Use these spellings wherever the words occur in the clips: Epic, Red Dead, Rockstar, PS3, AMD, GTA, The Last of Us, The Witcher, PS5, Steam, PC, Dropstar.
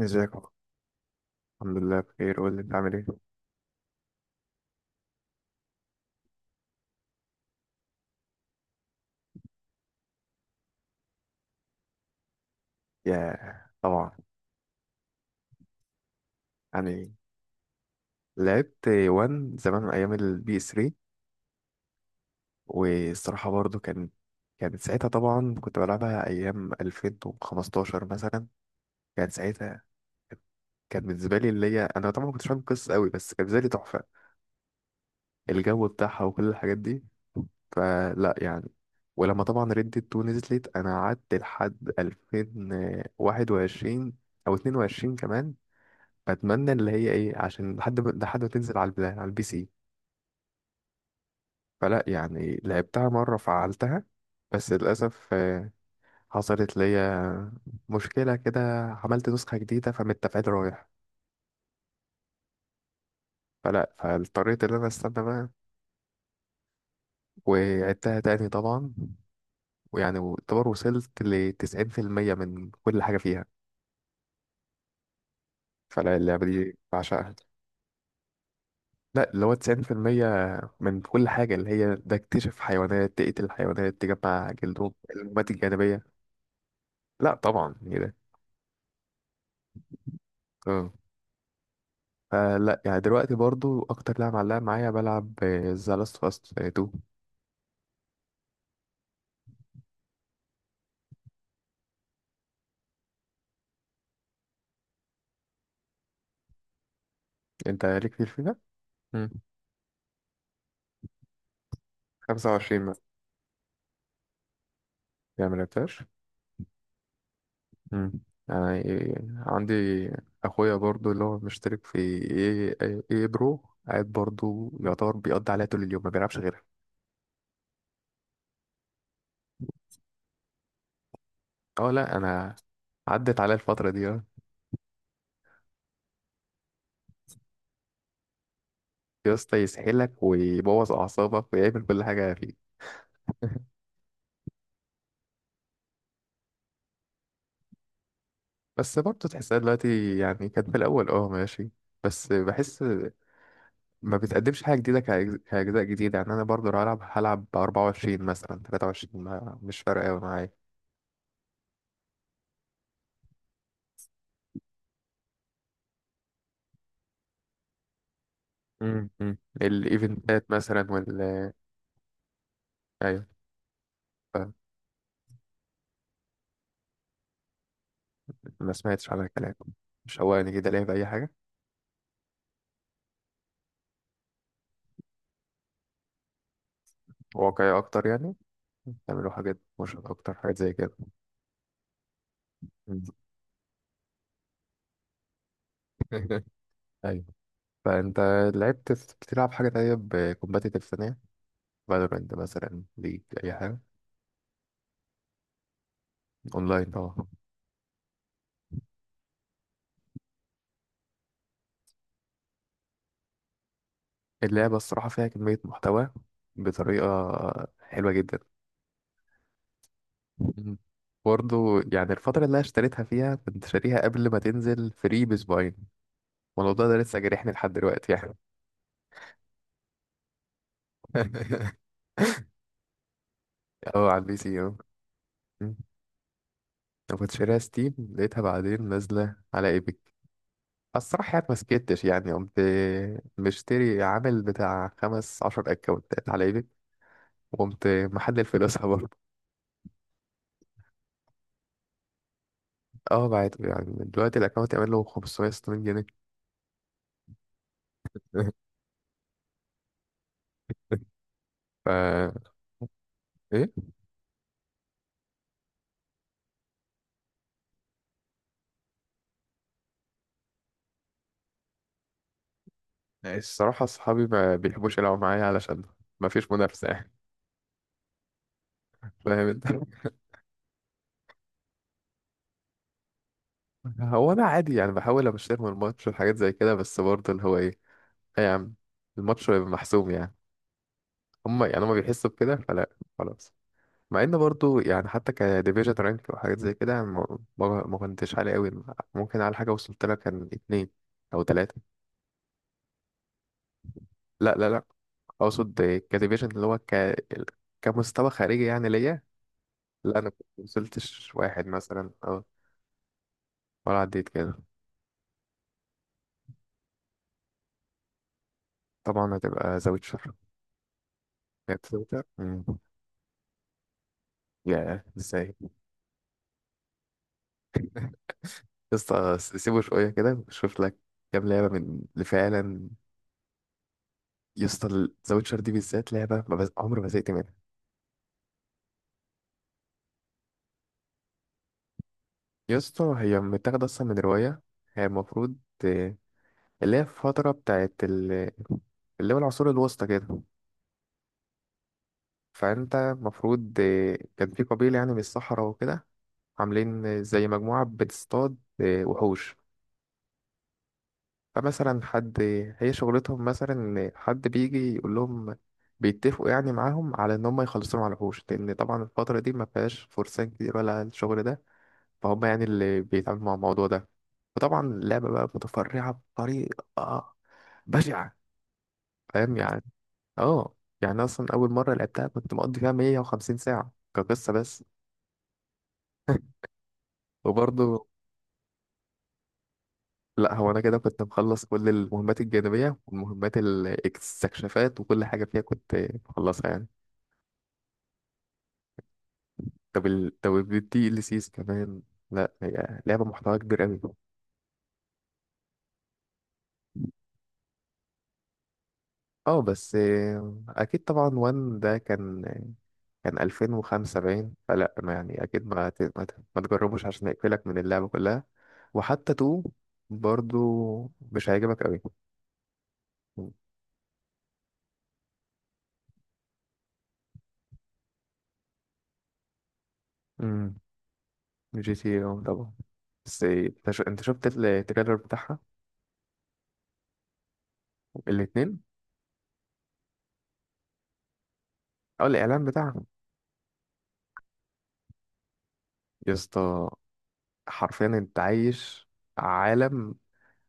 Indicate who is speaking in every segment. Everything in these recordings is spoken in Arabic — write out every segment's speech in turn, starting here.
Speaker 1: ازيك يا أخويا؟ الحمد لله بخير، قول لي انت عامل ايه. يا طبعا. يعني لعبت وان زمان ايام البي اس 3. والصراحه برضو كانت ساعتها، طبعا كنت بلعبها ايام 2015 مثلا. كانت ساعتها كانت بالنسبه لي اللي هي، انا طبعا ما كنتش فاهم القصه قوي، بس كانت بالنسبه لي تحفه، الجو بتاعها وكل الحاجات دي. فلا يعني، ولما طبعا ريد 2 نزلت انا قعدت لحد 2021 او 22 كمان، بتمنى اللي هي ايه، عشان لحد ما تنزل على على البي سي. فلا يعني لعبتها مرة، فعلتها. بس للأسف حصلت ليا مشكلة كده، عملت نسخة جديدة فمتفعيل رايح. فلا فاضطريت إن أنا أستنى بقى، وعدتها تاني طبعا، ويعني اعتبر وصلت لـ90% من كل حاجة فيها. فلا اللعبة دي بعشقها. لا، اللي هو 90% من كل حاجة، اللي هي ده اكتشف حيوانات، تقتل حيوانات، تجمع جلدهم، المهمات الجانبية. لا طبعا ايه ده. اه. فلا يعني دلوقتي برضو اكتر لعبه معلقه معايا بلعب ذا لاست اوف اس 2. انت ليك كتير فيها. مم. 25 مثلا يعني ما لعبتهاش. مم. يعني عندي اخويا برضو اللي هو مشترك في ايه ايه إيه برو، قاعد برضو يعتبر بيقضي عليها طول اليوم، ما بيلعبش غيرها. اه لا انا عدت عليا الفتره دي آه. يا اسطى يسحلك ويبوظ اعصابك ويعمل كل حاجه فيه. بس برضه تحسها دلوقتي يعني، كانت في الأول اه ماشي، بس بحس ما بتقدمش حاجة جديدة، كأجزاء جديدة. يعني أنا برضه لو هلعب هلعب بـ24 مثلا، 23، مش فارقة أوي معايا. مم. مم. الإيفنتات مثلا وال، أيوة. ف- ما سمعتش على الكلام، مش هواني كده ليه بأي حاجة. واقعية أكتر يعني، تعملوا حاجات مش أكتر، حاجات زي كده. مم. ايوه. فأنت لعبت، بتلعب حاجة تانية بكومباتيتيف ثانية، فالورنت مثلا، ليج، أي حاجة. أونلاين طبعا. اللعبة الصراحة فيها كمية محتوى بطريقة حلوة جدا. مم. برضه يعني الفترة اللي أنا اشتريتها فيها، كنت شاريها قبل ما تنزل فري بأسبوعين، والموضوع ده لسه جارحني لحد دلوقتي يعني. اه على البي سي اه. مم. أنا كنت شاريها ستيم، لقيتها بعدين نازلة على ايبك. الصراحة يعني ما سكتش يعني، قمت مشتري عامل بتاع 15 أكونتات على ايبك، وقمت محلل فلوسها برضه. اه بعت يعني، دلوقتي الأكونت يعمل له 560 جنيه. ف، ايه، يعني الصراحه اصحابي ما بيحبوش يلعبوا معايا علشان ما فيش منافسه يعني. فاهم انت. هو انا عادي يعني، بحاول ابشر من الماتش وحاجات زي كده، بس برضه اللي هو ايه، ايه يا عم، الماتش هيبقى محسوم يعني. هم يعني هم بيحسوا بكده، فلا خلاص. مع ان برضه يعني، حتى كديفيجن رانك وحاجات زي كده، يعني ما كنتش عالي قوي. ممكن على حاجه وصلت لها كان اتنين او تلاته. لا لا لا، اقصد كديفيجن اللي هو كمستوى خارجي يعني ليا. لا انا كنت وصلتش واحد مثلا ولا عديت كده. طبعا هتبقى ذا ويتشر. لعبت ذا ويتشر. يا ازاي. يا اسطى، سيبه شويه كده، شوف لك كام لعبه من اللي فعلا. يا اسطى، ذا ويتشر دي بالذات لعبه، ما بز... عمري ما زهقت منها. يا اسطى هي متاخده اصلا من روايه، هي المفروض آه، اللي هي في فتره بتاعت اللي هو العصور الوسطى كده. فانت المفروض كان في قبيله يعني من الصحراء وكده، عاملين زي مجموعه بتصطاد وحوش. فمثلا حد، هي شغلتهم مثلا إن حد بيجي يقول لهم، بيتفقوا يعني معاهم على ان هم يخلصوا على الوحوش، لان طبعا الفتره دي ما فيهاش فرسان كتير ولا الشغل ده، فهم يعني اللي بيتعاملوا مع الموضوع ده. وطبعا اللعبه بقى متفرعه بطريقه بشعه. فاهم يعني. اه يعني اصلا اول مره لعبتها كنت مقضي فيها 150 ساعه كقصه بس. وبرضه لا، هو انا كده كنت مخلص كل المهمات الجانبية والمهمات الاستكشافات وكل حاجة فيها كنت مخلصها يعني. طب طب الدي ال سيز كمان، لا هي لعبة محتوى كبير قوي. اه بس اكيد طبعا، وان ده كان 2005 باين، فلا ما يعني اكيد ما تجربوش عشان يقفلك من اللعبة كلها. وحتى تو برضو مش هيعجبك قوي. امم. جي تي اه طبعا. بس انت انت شفت التريلر بتاعها، الاتنين. اه الاعلان بتاعها. يا اسطى حرفيا انت عايش عالم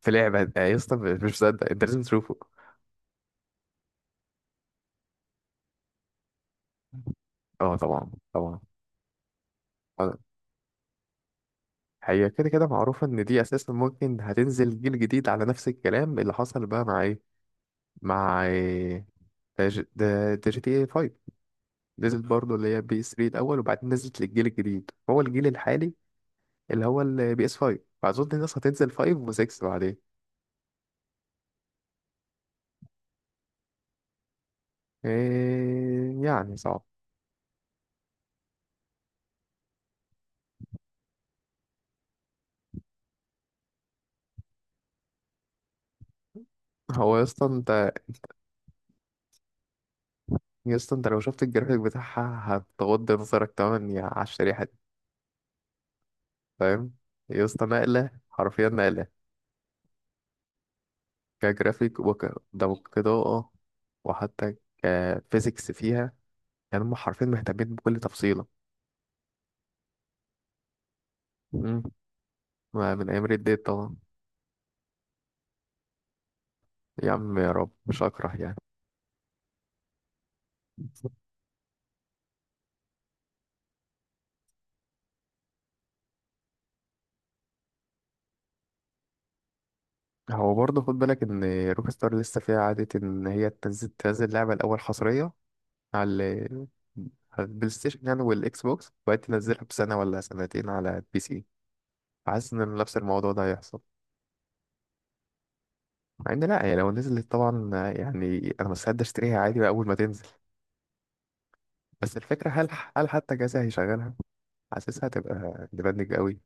Speaker 1: في لعبة، يا اسطى مش مصدق، انت لازم تشوفه. اه طبعا طبعا. آه، هي كده كده معروفة ان دي اساسا ممكن هتنزل جيل جديد، على نفس الكلام اللي حصل بقى مع ايه جي تي اي 5، نزلت برضه اللي هي بي اس 3 الاول، وبعدين نزلت للجيل الجديد هو الجيل الحالي اللي هو البي اس 5، فاظن الناس هتنزل 5 و6 بعدين. إيه يعني صعب. هو يا اسطى انت، يا اسطى انت لو شفت الجرافيك بتاعها هتغض نظرك تماما يا على الشريحة. فاهم، يا اسطى نقلة حرفيا نقلة، كجرافيك وكدمج كإضاءة وحتى كفيزيكس فيها، يعني هم حرفيا مهتمين بكل تفصيلة. مم. ما من أيام ريد ديد طبعا. يا عم يا رب مش أكره يعني. هو برضه خد بالك إن روك ستار لسه فيها عادة إن هي تنزل لعبة الأول حصرية على على البلاي ستيشن يعني والإكس بوكس، وبعدين تنزلها بسنة ولا سنتين على البي سي. حاسس إن نفس الموضوع ده هيحصل. مع ان لا هي لو نزلت طبعا، يعني انا مستعد اشتريها عادي بقى اول ما تنزل. بس الفكره، هل حتى جهازي هيشغلها، حاسسها هتبقى ديبندنج قوي.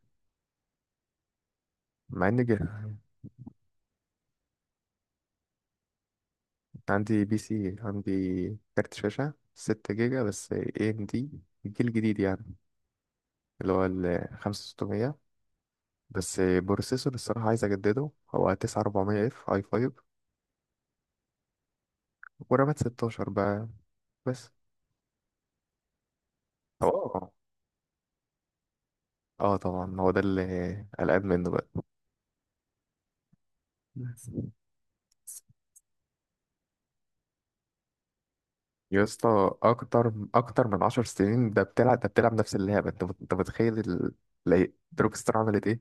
Speaker 1: مع ان عندي بي سي، عندي كارت شاشه 6 جيجا بس اي ام دي، الجيل الجديد يعني اللي هو ال 5600. بس بروسيسور الصراحه عايز اجدده، هو 9400 اف اي 5، ورامات 16 بقى بس. هو اه طبعا هو ده اللي قلقان منه بقى. يا اسطى اكتر اكتر من 10 سنين ده، بتلعب نفس اللعبه، انت انت متخيل إيه؟ دروب ستار عملت ايه.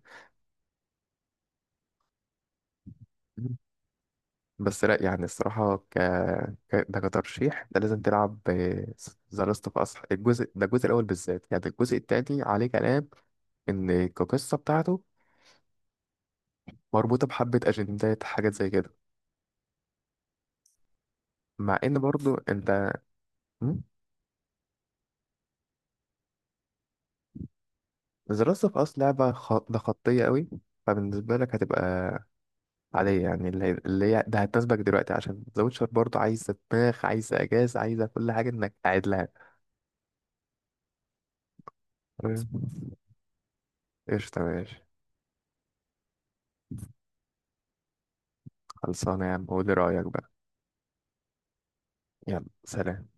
Speaker 1: مم. بس لا يعني الصراحه ده كترشيح، ده لازم تلعب ذا لاست اوف اس، الجزء ده الجزء الاول بالذات، يعني الجزء التاني عليه كلام ان القصه بتاعته مربوطه بحبه اجندات حاجات زي كده. مع ان برضو انت، ذا لاست اوف اس لعبه ده خطيه قوي، فبالنسبه لك هتبقى عليا يعني اللي هي ده هتناسبك دلوقتي، عشان ذا ويتشر برضه عايزة دماغ، عايزة إجازة، عايزة كل حاجة إنك قاعد لها. تمام. قشطة ماشي. خلصانة يا عم، قولي رأيك بقى. يلا سلام.